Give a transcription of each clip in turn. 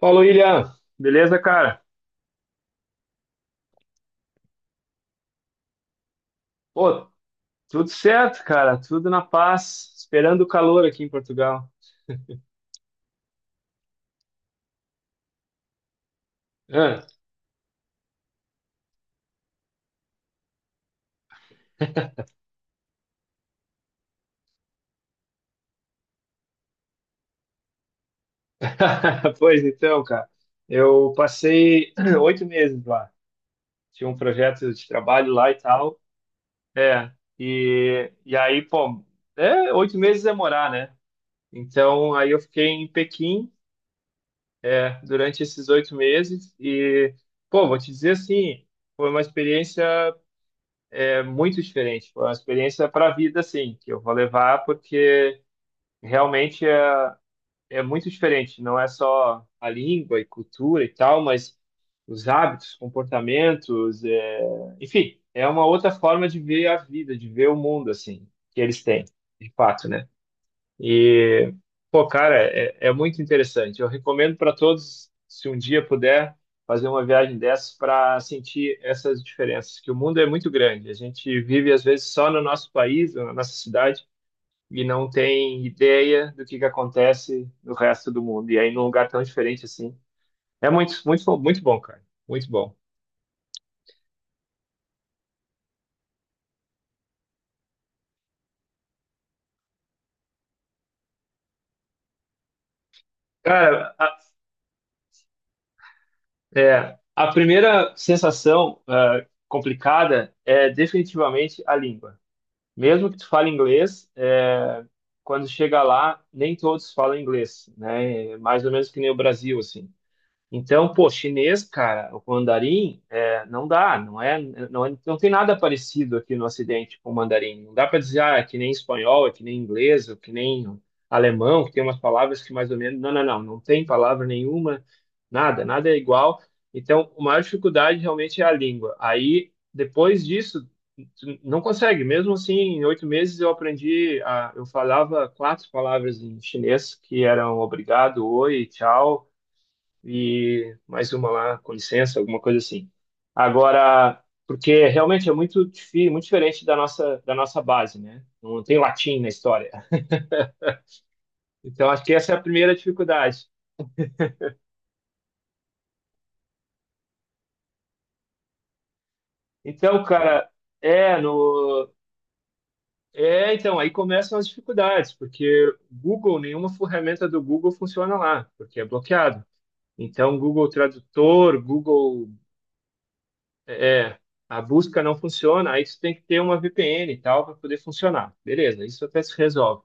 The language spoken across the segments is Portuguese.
Fala, William. Beleza, cara? Pô, tudo certo, cara. Tudo na paz. Esperando o calor aqui em Portugal. Hã? Pois então, cara. Eu passei oito meses lá. Tinha um projeto de trabalho lá e tal. É. E aí, pô, oito meses é morar, né? Então, aí eu fiquei em Pequim durante esses oito meses. E, pô, vou te dizer assim, foi uma experiência muito diferente. Foi uma experiência para a vida, assim, que eu vou levar porque realmente é muito diferente. Não é só a língua e cultura e tal, mas os hábitos, comportamentos, enfim, é uma outra forma de ver a vida, de ver o mundo, assim, que eles têm, de fato, né? E, pô, cara, é muito interessante. Eu recomendo para todos, se um dia puder, fazer uma viagem dessas para sentir essas diferenças, que o mundo é muito grande. A gente vive, às vezes, só no nosso país, na nossa cidade, e não tem ideia do que acontece no resto do mundo. E aí, num lugar tão diferente assim. É muito, muito, muito bom, cara. Muito bom. Cara, a primeira sensação, complicada é definitivamente a língua. Mesmo que tu fale inglês, quando chega lá, nem todos falam inglês, né? Mais ou menos que nem o Brasil, assim. Então, pô, chinês, cara, o mandarim, não dá, não é, não tem nada parecido aqui no Ocidente com o mandarim. Não dá para dizer, é que nem espanhol, é que nem inglês, é que nem alemão, que tem umas palavras que mais ou menos. Não, não, não, não tem palavra nenhuma, nada, nada é igual. Então, a maior dificuldade realmente é a língua. Aí, depois disso, tu não consegue. Mesmo assim, em oito meses eu aprendi, eu falava quatro palavras em chinês, que eram obrigado, oi, tchau e mais uma lá, com licença, alguma coisa assim. Agora, porque realmente é muito, difícil, muito diferente da nossa base, né? Não tem latim na história. Então, acho que essa é a primeira dificuldade. Então, cara, é, no, é, então, aí começam as dificuldades, porque Google, nenhuma ferramenta do Google funciona lá, porque é bloqueado. Então, Google Tradutor, Google, é, a busca não funciona, aí você tem que ter uma VPN e tal para poder funcionar. Beleza, isso até se resolve.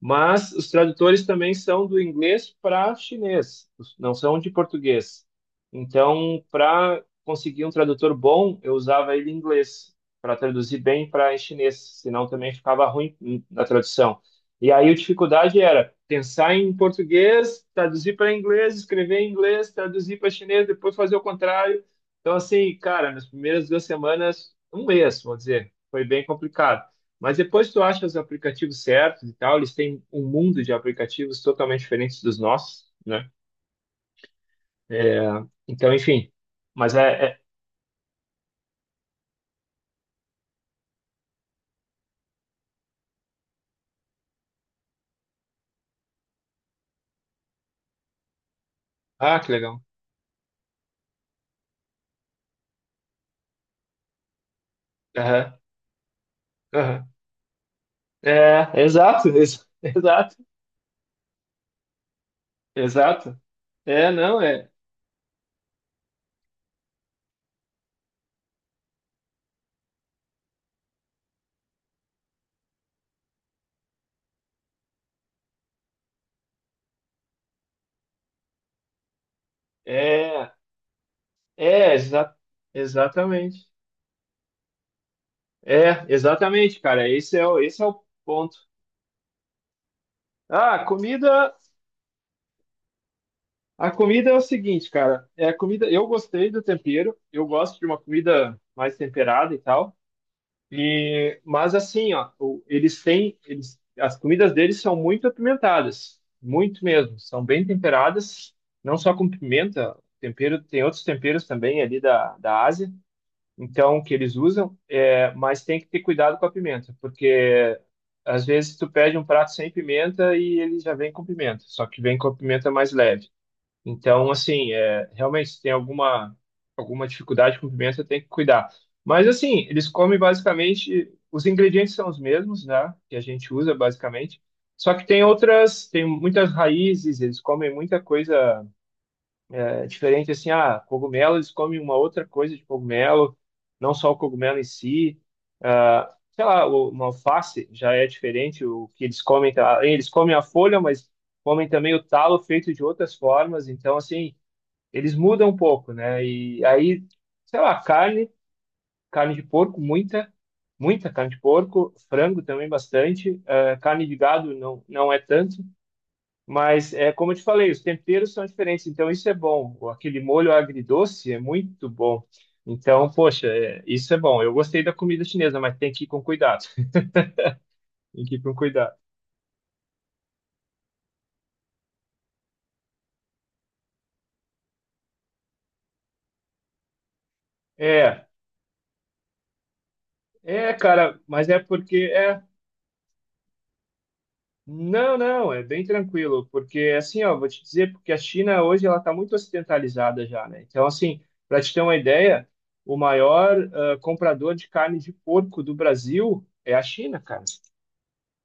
Mas os tradutores também são do inglês para chinês, não são de português. Então, para conseguir um tradutor bom, eu usava ele em inglês para traduzir bem para em chinês, senão também ficava ruim na tradução. E aí a dificuldade era pensar em português, traduzir para inglês, escrever em inglês, traduzir para chinês, depois fazer o contrário. Então, assim, cara, nas primeiras duas semanas, um mês, vou dizer, foi bem complicado. Mas depois tu acha os aplicativos certos e tal, eles têm um mundo de aplicativos totalmente diferentes dos nossos, né? É, então, enfim. Mas é. Ah, que legal. Aham, aham. É, exato, exato, exato. É, não, é. É, é, exa exatamente. É, exatamente, cara. Esse é o ponto. Ah, a comida. A comida é o seguinte, cara. É a comida. Eu gostei do tempero. Eu gosto de uma comida mais temperada e tal. E, mas assim, ó, eles, as comidas deles são muito apimentadas, muito mesmo. São bem temperadas, não só com pimenta, tempero, tem outros temperos também ali da, da Ásia, então que eles usam, mas tem que ter cuidado com a pimenta, porque às vezes tu pede um prato sem pimenta e ele já vem com pimenta, só que vem com a pimenta mais leve. Então, assim, realmente, se tem alguma, alguma dificuldade com pimenta, você tem que cuidar. Mas, assim, eles comem basicamente, os ingredientes são os mesmos, né? Que a gente usa, basicamente. Só que tem muitas raízes, eles comem muita coisa diferente, assim, ah, cogumelo, eles comem uma outra coisa de cogumelo, não só o cogumelo em si. Ah, sei lá, uma alface já é diferente, o que eles comem, tá? Eles comem a folha, mas comem também o talo feito de outras formas, então, assim eles mudam um pouco, né? E aí, sei lá, carne, carne de porco, muita, muita carne de porco, frango também bastante, carne de gado não, não é tanto, mas é como eu te falei, os temperos são diferentes, então isso é bom. Aquele molho agridoce é muito bom. Então, poxa, é, isso é bom. Eu gostei da comida chinesa, mas tem que ir com cuidado. Tem que ir com cuidado. É, é, cara, mas é porque é. Não, não, é bem tranquilo, porque assim, ó, vou te dizer, porque a China hoje ela está muito ocidentalizada já, né? Então, assim, para te ter uma ideia, o maior comprador de carne de porco do Brasil é a China, cara.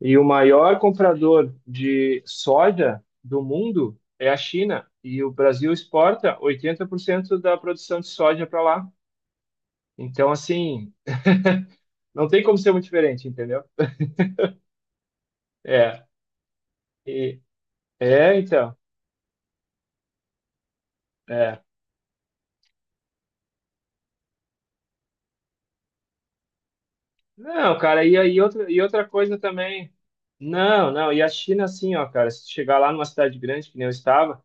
E o maior comprador de soja do mundo é a China. E o Brasil exporta 80% da produção de soja para lá. Então, assim, não tem como ser muito diferente, entendeu? É, e- é, então. É. Não, cara, e outra coisa também. Não, não, e a China, assim, ó, cara, se tu chegar lá numa cidade grande, que nem eu estava,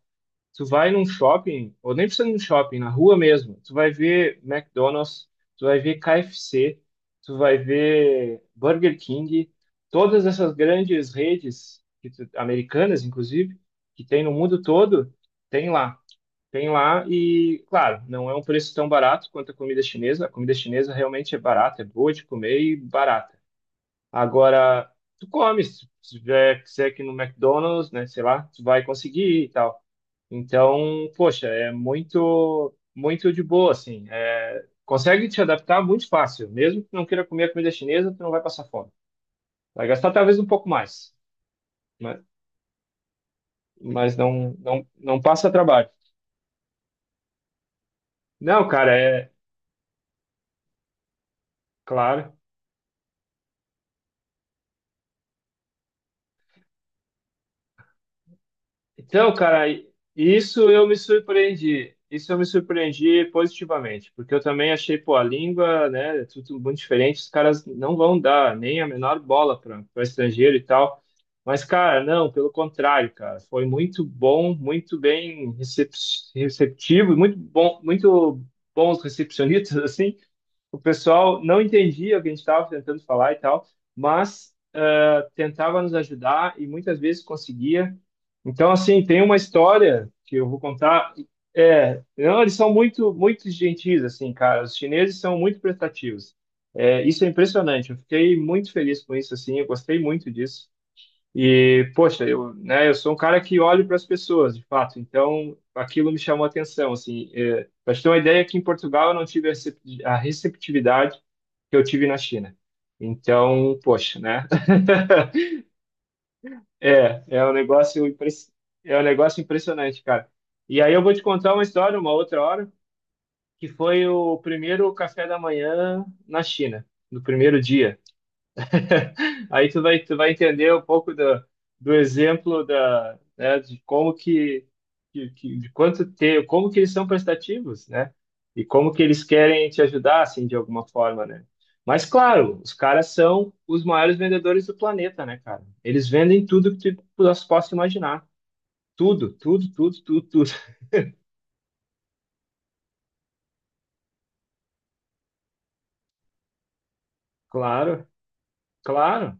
tu vai num shopping, ou nem precisa ir num shopping, na rua mesmo, tu vai ver McDonald's, tu vai ver KFC, tu vai ver Burger King, todas essas grandes redes, americanas, inclusive, que tem no mundo todo, tem lá. Tem lá, e, claro, não é um preço tão barato quanto a comida chinesa. A comida chinesa realmente é barata, é boa de comer e barata. Agora, tu come, se se tiver que ser aqui no McDonald's, né, sei lá, tu vai conseguir e tal. Então, poxa, é muito, muito de boa, assim. É, consegue te adaptar muito fácil. Mesmo que não queira comer a comida chinesa, tu não vai passar fome. Vai gastar talvez um pouco mais, né? Mas não, não, não passa trabalho. Não, cara, é claro. Então, cara, isso eu me surpreendi. Isso eu me surpreendi positivamente, porque eu também achei, pô, a língua, né, é tudo muito diferente, os caras não vão dar nem a menor bola para estrangeiro e tal. Mas, cara, não, pelo contrário, cara, foi muito bom, muito bem receptivo, muito bom, muito bons recepcionistas, assim. O pessoal não entendia o que a gente estava tentando falar e tal, mas tentava nos ajudar e muitas vezes conseguia. Então, assim, tem uma história que eu vou contar. É, não, eles são muito, muito gentis, assim, cara. Os chineses são muito prestativos. É, isso é impressionante. Eu fiquei muito feliz com isso, assim. Eu gostei muito disso. E, poxa, eu, né, eu sou um cara que olho para as pessoas, de fato. Então, aquilo me chamou a atenção, assim. É, para te ter uma ideia, aqui em Portugal eu não tive a receptividade que eu tive na China. Então, poxa, né? É, é um negócio impressionante, cara. E aí eu vou te contar uma história, uma outra hora, que foi o primeiro café da manhã na China, no primeiro dia. Aí tu vai entender um pouco do exemplo da, né, de como de quanto ter, como que eles são prestativos, né? E como que eles querem te ajudar, assim, de alguma forma, né? Mas, claro, os caras são os maiores vendedores do planeta, né, cara? Eles vendem tudo que tu nós possa imaginar. Tudo, tudo, tudo, tudo, tudo. Claro, claro.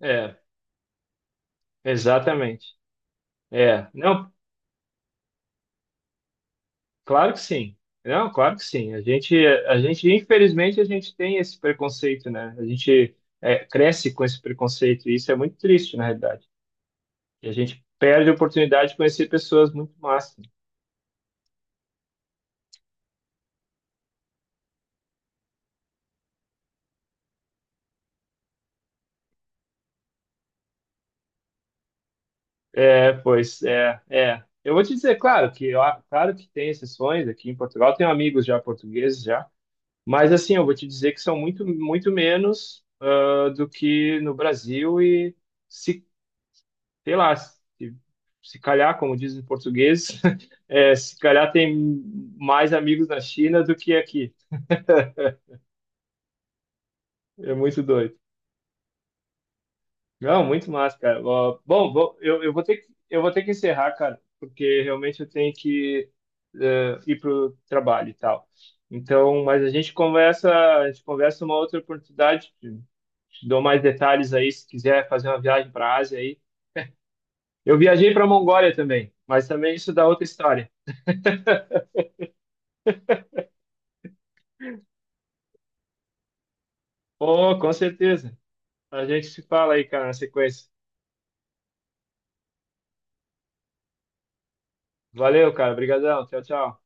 É, exatamente. É, não, claro que sim. Não, claro que sim. A gente, infelizmente, a gente tem esse preconceito, né? A gente cresce com esse preconceito e isso é muito triste, na realidade. E a gente perde a oportunidade de conhecer pessoas muito massas. É, pois é, é. Eu vou te dizer, claro que ó, claro que tem exceções aqui em Portugal, tenho amigos já portugueses já, mas assim, eu vou te dizer que são muito muito menos ah, do que no Brasil e se sei lá, se calhar, como dizem em português, se calhar tem mais amigos na China do que aqui. É muito doido. Não, muito massa, cara. Ó, bom, vou- eu vou ter que, eu vou ter que encerrar, cara, porque realmente eu tenho que ir pro trabalho e tal. Então, mas a gente conversa uma outra oportunidade. Te dou mais detalhes aí se quiser fazer uma viagem para a Ásia aí. Eu viajei para a Mongólia também, mas também isso dá outra história. Oh, com certeza. A gente se fala aí, cara, na sequência. Valeu, cara. Obrigadão. Tchau, tchau.